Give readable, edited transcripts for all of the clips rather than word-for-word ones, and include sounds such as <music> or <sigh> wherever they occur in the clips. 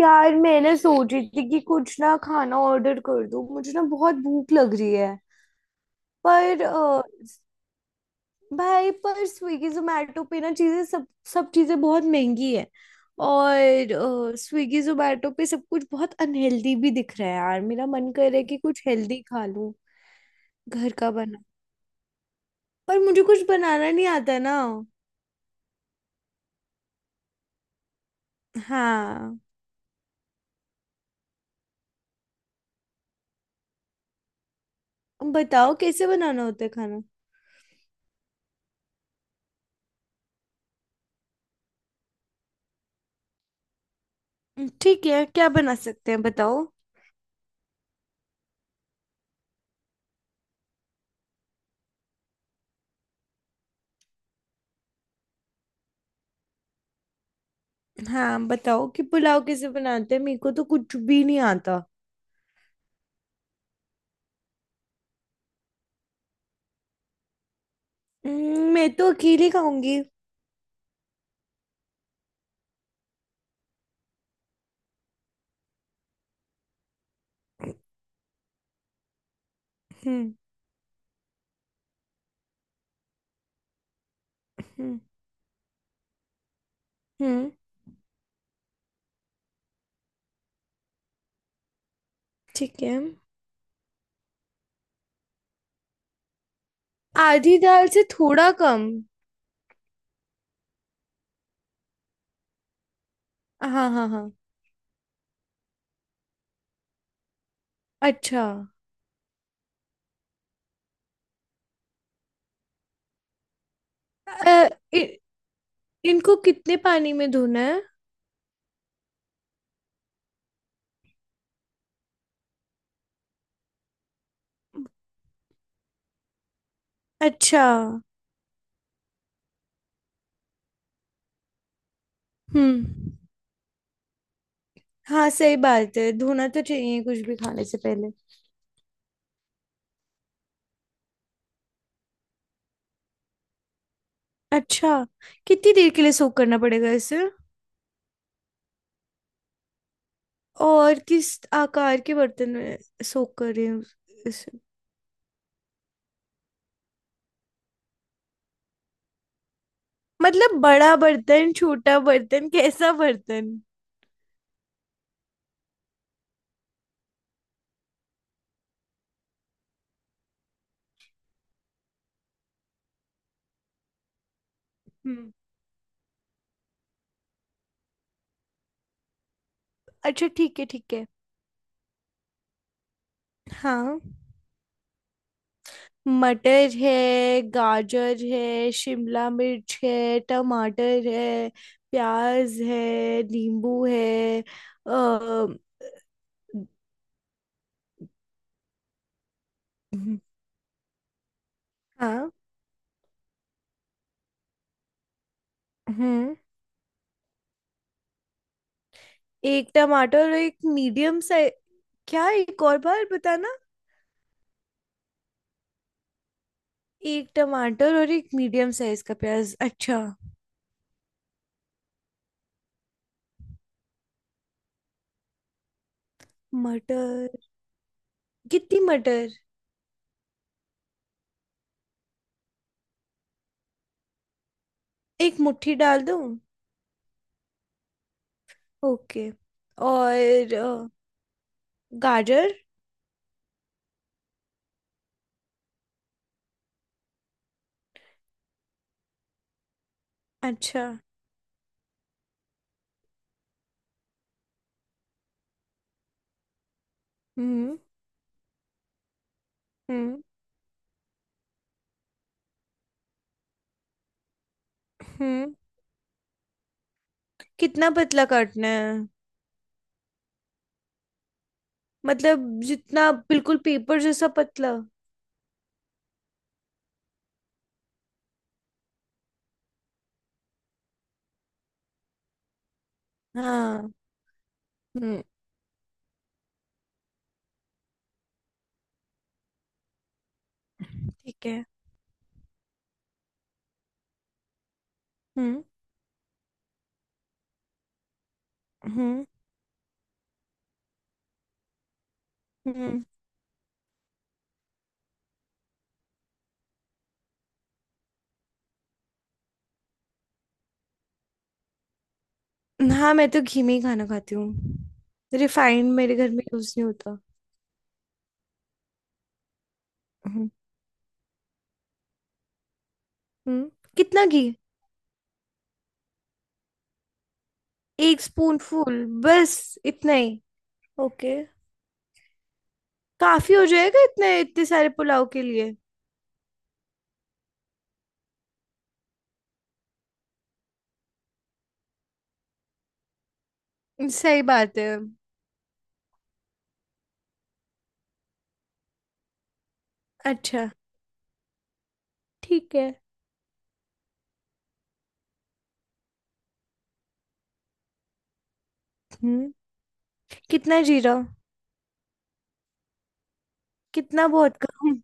यार, मैंने सोच रही थी कि कुछ ना खाना ऑर्डर कर दूं। मुझे ना बहुत भूख लग रही है। पर भाई, पर स्विगी जोमेटो पे ना चीजें सब सब चीजें बहुत महंगी है। और स्विगी जोमेटो पे सब कुछ बहुत अनहेल्दी भी दिख रहा है। यार, मेरा मन कर रहा है कि कुछ हेल्दी खा लूं। घर का बना। पर मुझे कुछ बनाना नहीं आता ना। हाँ। बताओ, कैसे बनाना होता है खाना? ठीक है, क्या बना सकते हैं बताओ। हाँ, बताओ कि पुलाव कैसे बनाते हैं, मेरे को तो कुछ भी नहीं आता। मैं तो अकेली खाऊंगी। हम्म। हम्म, हम्म, ठीक है। आधी दाल से थोड़ा कम। हाँ, हाँ, हाँ। अच्छा। अ, इ, इनको कितने पानी में धोना है? अच्छा। हम्म। हाँ, सही बात है, धोना तो चाहिए कुछ भी खाने से पहले। अच्छा। कितनी देर के लिए सोक करना पड़ेगा इसे? और किस आकार के बर्तन में सोक करें इसे? मतलब बड़ा बर्तन, छोटा बर्तन, कैसा बर्तन? हम्म। अच्छा, ठीक है, ठीक है। हाँ, मटर है। गाजर है, शिमला मिर्च है, टमाटर है। प्याज है, नींबू है। अ, हम्म, हाँ। हम्म। एक टमाटर और एक मीडियम साइज। क्या, एक और बार बताना? एक टमाटर और एक मीडियम साइज का प्याज। अच्छा। मटर। कितनी मटर? एक मुट्ठी डाल दूं? ओके। और गाजर। अच्छा। हम्म, हम्म, हम्म। कितना पतला काटना है? मतलब जितना बिल्कुल पेपर जैसा पतला? हाँ। हम्म। ठीक है। हम्म, हम्म, हम्म। हाँ, मैं तो घी में ही खाना खाती हूँ। रिफाइंड मेरे घर में यूज नहीं होता। हम्म। हम्म। कितना घी? एक स्पून फूल बस। इतना ही? ओके। काफी हो जाएगा इतने इतने सारे पुलाव के लिए? सही बात है। अच्छा, ठीक है। हम्म। कितना जीरा? कितना बहुत कम?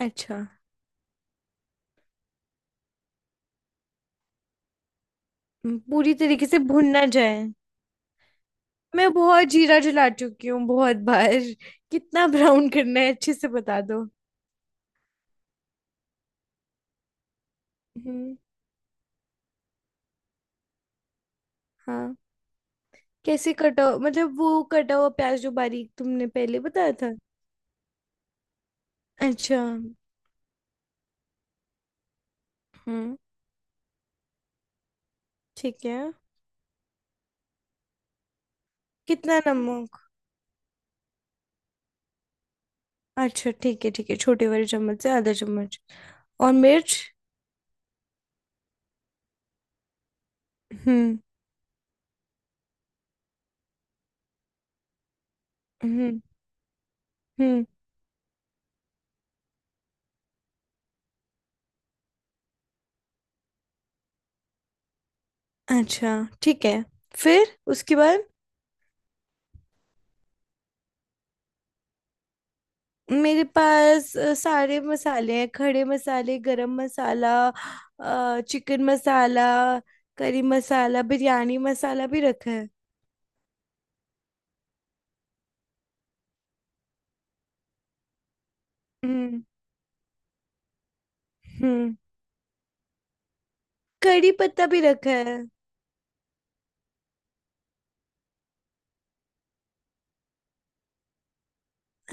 अच्छा। पूरी तरीके से भुन ना जाए? मैं बहुत जीरा जला चुकी हूँ बहुत बार। कितना ब्राउन करना है अच्छे से बता दो। हम्म। हाँ। मतलब वो कटा हुआ प्याज जो बारीक तुमने पहले बताया था? अच्छा। हम्म। ठीक है। कितना नमक? अच्छा, ठीक है, ठीक है, छोटे वाले चम्मच से आधा चम्मच। और मिर्च? हम्म, हम्म, हम्म। अच्छा, ठीक है। फिर उसके बाद? मेरे पास सारे मसाले हैं, खड़े मसाले, गरम मसाला, चिकन मसाला, करी मसाला, बिरयानी मसाला भी रखा है। हम्म। हम्म। करी पत्ता भी रखा है।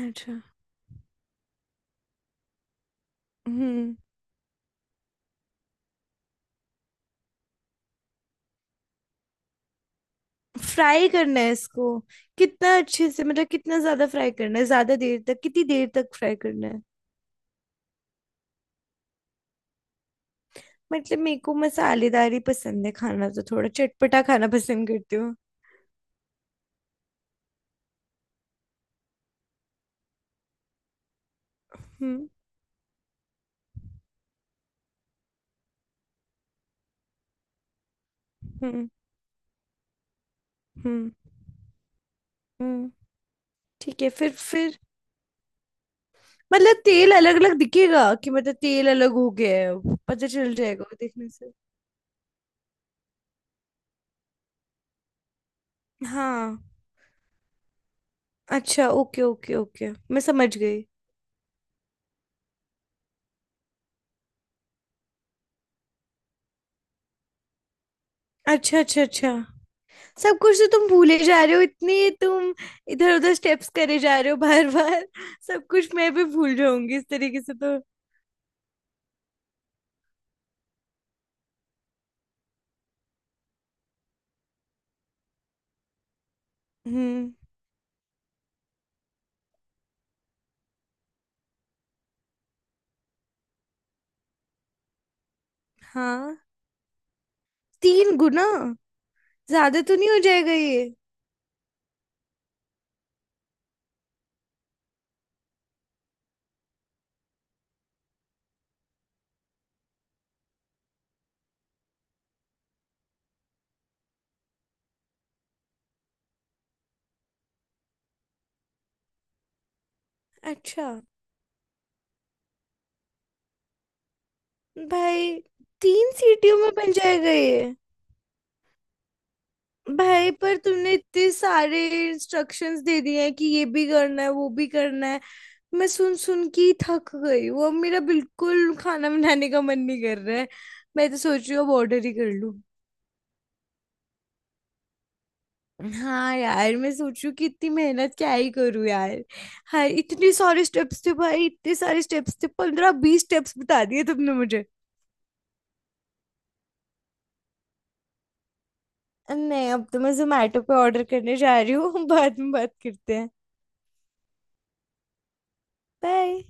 अच्छा। हम्म। फ्राई करना है इसको? कितना अच्छे से, मतलब कितना ज्यादा फ्राई करना है, ज्यादा देर तक, कितनी देर तक फ्राई करना है? मतलब मेरे को मसालेदार ही पसंद है खाना, तो थोड़ा चटपटा खाना पसंद करती हूँ। हम्म, हम्म, हम्म, हम्म। ठीक है, फिर। मतलब तेल अलग अलग दिखेगा कि मतलब तेल अलग हो गया है, पता चल जाएगा देखने से? हाँ। अच्छा, ओके, ओके, ओके, मैं समझ गई। अच्छा, अच्छा, अच्छा। सब कुछ तो तुम भूले जा रहे हो इतनी, तुम इधर उधर स्टेप्स करे जा रहे हो बार बार। सब कुछ मैं भी भूल जाऊंगी इस तरीके से तो। हम्म। हाँ, 3 गुना? ज्यादा तो नहीं हो जाएगा ये? अच्छा। भाई। 3 सीटियों में बन जाएगा ये? भाई, पर तुमने इतने सारे इंस्ट्रक्शंस दे दिए हैं कि ये भी करना है, वो भी करना है। मैं सुन सुन के ही थक गई हूँ, अब मेरा बिल्कुल खाना बनाने का मन नहीं कर रहा है। मैं तो सोच रही हूँ अब ऑर्डर ही कर लूँ। हाँ यार, मैं सोच रही हूँ कि इतनी मेहनत क्या ही करूँ यार। हाँ, इतने सारे स्टेप्स थे भाई, इतने सारे स्टेप्स थे, 15-20 स्टेप्स बता दिए तुमने मुझे। नहीं, अब तो मैं जोमेटो पे ऑर्डर करने जा रही हूँ। <laughs> बाद में बात करते हैं। बाय।